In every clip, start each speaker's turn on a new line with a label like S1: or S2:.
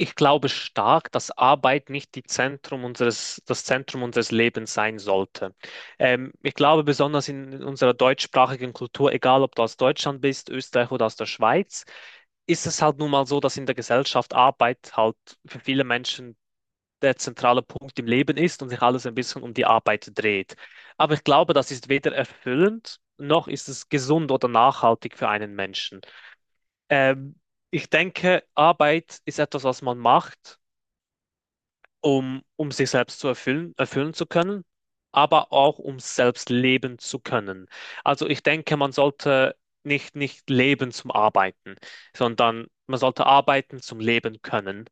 S1: Ich glaube stark, dass Arbeit nicht die Zentrum unseres, das Zentrum unseres Lebens sein sollte. Ich glaube besonders in, unserer deutschsprachigen Kultur, egal ob du aus Deutschland bist, Österreich oder aus der Schweiz, ist es halt nun mal so, dass in der Gesellschaft Arbeit halt für viele Menschen der zentrale Punkt im Leben ist und sich alles ein bisschen um die Arbeit dreht. Aber ich glaube, das ist weder erfüllend, noch ist es gesund oder nachhaltig für einen Menschen. Ähm, ich denke, Arbeit ist etwas, was man macht um sich selbst zu erfüllen, erfüllen zu können, aber auch um selbst leben zu können. Also ich denke, man sollte nicht leben zum Arbeiten, sondern man sollte arbeiten zum Leben können.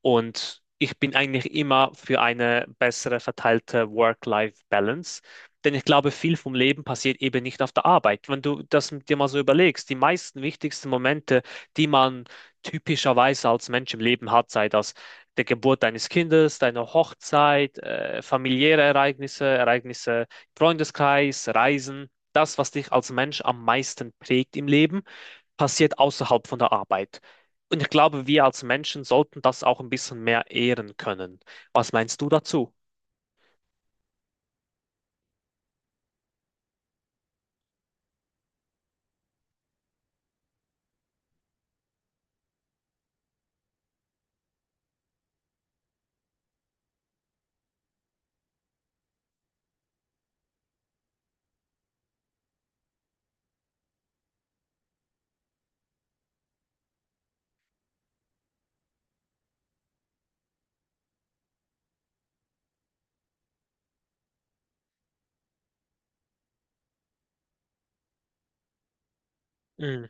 S1: Und ich bin eigentlich immer für eine bessere verteilte Work-Life-Balance. Denn ich glaube, viel vom Leben passiert eben nicht auf der Arbeit. Wenn du das dir mal so überlegst, die meisten wichtigsten Momente, die man typischerweise als Mensch im Leben hat, sei das der Geburt deines Kindes, deine Hochzeit, familiäre Ereignisse, Ereignisse im Freundeskreis, Reisen, das, was dich als Mensch am meisten prägt im Leben, passiert außerhalb von der Arbeit. Und ich glaube, wir als Menschen sollten das auch ein bisschen mehr ehren können. Was meinst du dazu? Mm.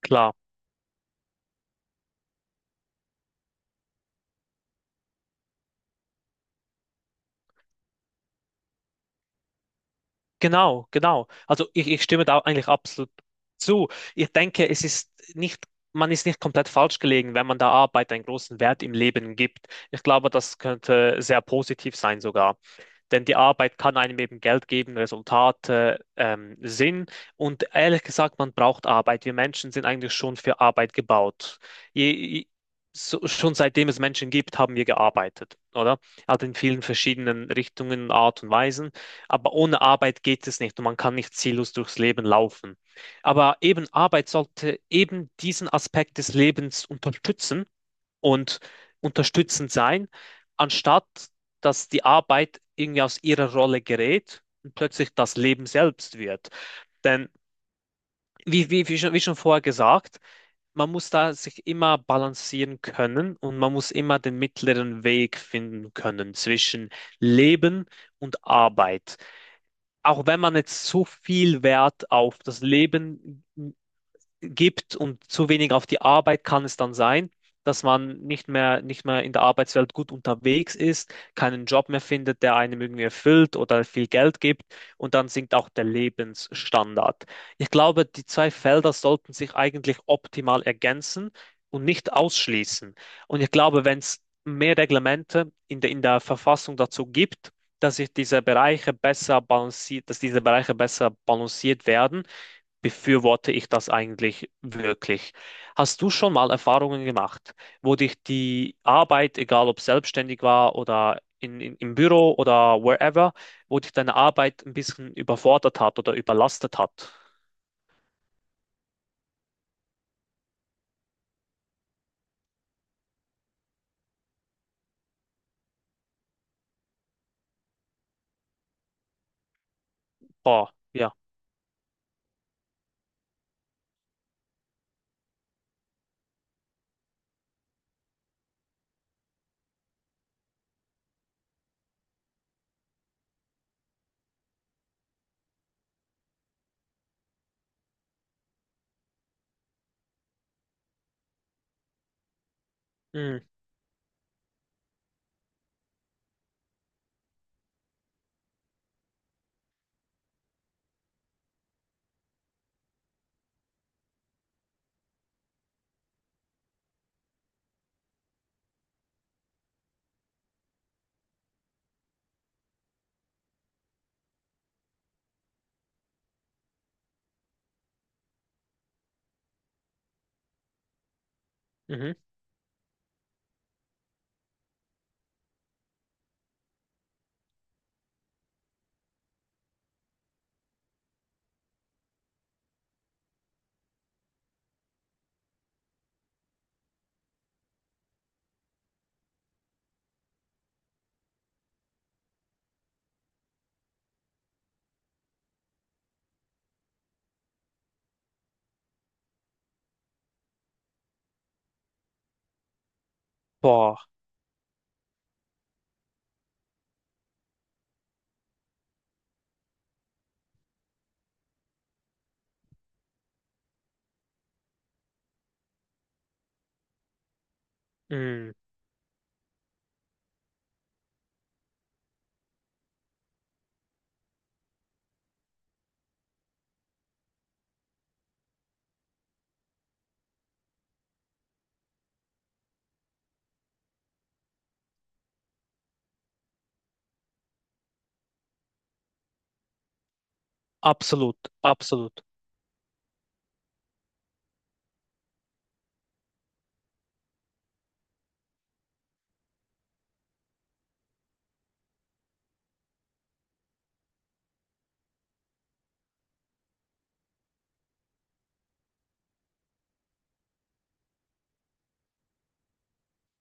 S1: Klar. Genau, genau. Also ich stimme da eigentlich absolut zu. Ich denke, es ist nicht, man ist nicht komplett falsch gelegen, wenn man der Arbeit einen großen Wert im Leben gibt. Ich glaube, das könnte sehr positiv sein sogar. Denn die Arbeit kann einem eben Geld geben, Resultate, Sinn. Und ehrlich gesagt, man braucht Arbeit. Wir Menschen sind eigentlich schon für Arbeit gebaut. Je, je- schon seitdem es Menschen gibt, haben wir gearbeitet, oder? Also in vielen verschiedenen Richtungen, Art und Weisen. Aber ohne Arbeit geht es nicht und man kann nicht ziellos durchs Leben laufen. Aber eben Arbeit sollte eben diesen Aspekt des Lebens unterstützen und unterstützend sein, anstatt dass die Arbeit irgendwie aus ihrer Rolle gerät und plötzlich das Leben selbst wird. Denn wie schon vorher gesagt, man muss da sich immer balancieren können und man muss immer den mittleren Weg finden können zwischen Leben und Arbeit. Auch wenn man jetzt so viel Wert auf das Leben gibt und zu wenig auf die Arbeit kann es dann sein, dass man nicht mehr in der Arbeitswelt gut unterwegs ist, keinen Job mehr findet, der einem irgendwie erfüllt oder viel Geld gibt und dann sinkt auch der Lebensstandard. Ich glaube, die zwei Felder sollten sich eigentlich optimal ergänzen und nicht ausschließen. Und ich glaube, wenn es mehr Reglemente in der Verfassung dazu gibt, dass sich diese Bereiche besser balanciert, dass diese Bereiche besser balanciert werden, befürworte ich das eigentlich wirklich. Hast du schon mal Erfahrungen gemacht, wo dich die Arbeit, egal ob selbstständig war oder im Büro oder wherever, wo dich deine Arbeit ein bisschen überfordert hat oder überlastet hat? Boah, ja. Mm. Mhm. Boah. Mm. Absolut, absolut.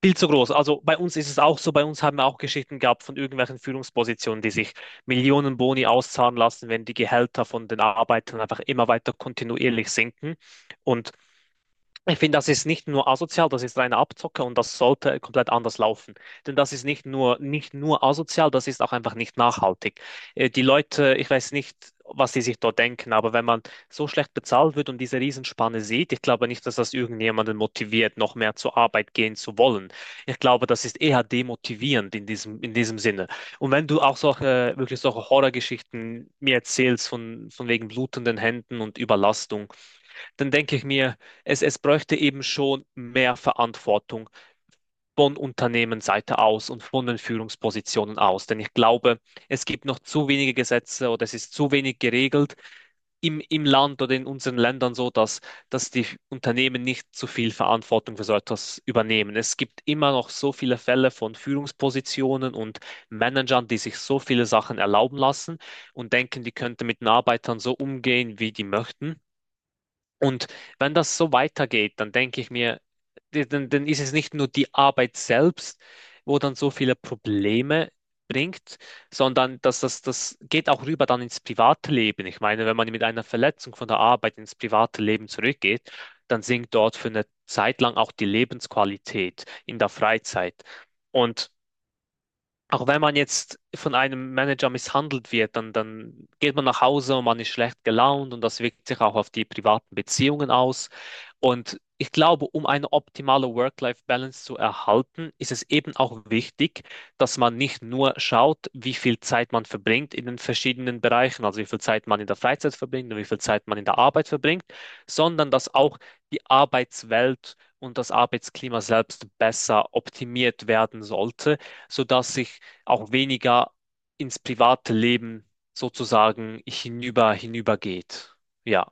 S1: Viel zu groß. Also bei uns ist es auch so, bei uns haben wir auch Geschichten gehabt von irgendwelchen Führungspositionen, die sich Millionen Boni auszahlen lassen, wenn die Gehälter von den Arbeitern einfach immer weiter kontinuierlich sinken. Und ich finde, das ist nicht nur asozial, das ist reine Abzocke und das sollte komplett anders laufen. Denn das ist nicht nur asozial, das ist auch einfach nicht nachhaltig. Die Leute, ich weiß nicht, was sie sich dort denken, aber wenn man so schlecht bezahlt wird und diese Riesenspanne sieht, ich glaube nicht, dass das irgendjemanden motiviert, noch mehr zur Arbeit gehen zu wollen. Ich glaube, das ist eher demotivierend in diesem Sinne. Und wenn du auch solche, wirklich solche Horrorgeschichten mir erzählst von wegen blutenden Händen und Überlastung, dann denke ich mir, es bräuchte eben schon mehr Verantwortung von Unternehmensseite aus und von den Führungspositionen aus. Denn ich glaube, es gibt noch zu wenige Gesetze oder es ist zu wenig geregelt im Land oder in unseren Ländern so, dass, dass die Unternehmen nicht zu viel Verantwortung für so etwas übernehmen. Es gibt immer noch so viele Fälle von Führungspositionen und Managern, die sich so viele Sachen erlauben lassen und denken, die könnten mit den Arbeitern so umgehen, wie die möchten. Und wenn das so weitergeht, dann denke ich mir, dann ist es nicht nur die Arbeit selbst, wo dann so viele Probleme bringt, sondern dass das geht auch rüber dann ins private Leben. Ich meine, wenn man mit einer Verletzung von der Arbeit ins private Leben zurückgeht, dann sinkt dort für eine Zeit lang auch die Lebensqualität in der Freizeit. Und auch wenn man jetzt von einem Manager misshandelt wird, dann geht man nach Hause und man ist schlecht gelaunt und das wirkt sich auch auf die privaten Beziehungen aus. Und ich glaube, um eine optimale Work-Life-Balance zu erhalten, ist es eben auch wichtig, dass man nicht nur schaut, wie viel Zeit man verbringt in den verschiedenen Bereichen, also wie viel Zeit man in der Freizeit verbringt und wie viel Zeit man in der Arbeit verbringt, sondern dass auch die Arbeitswelt und das Arbeitsklima selbst besser optimiert werden sollte, sodass sich auch weniger ins private Leben sozusagen hinübergeht. Ja.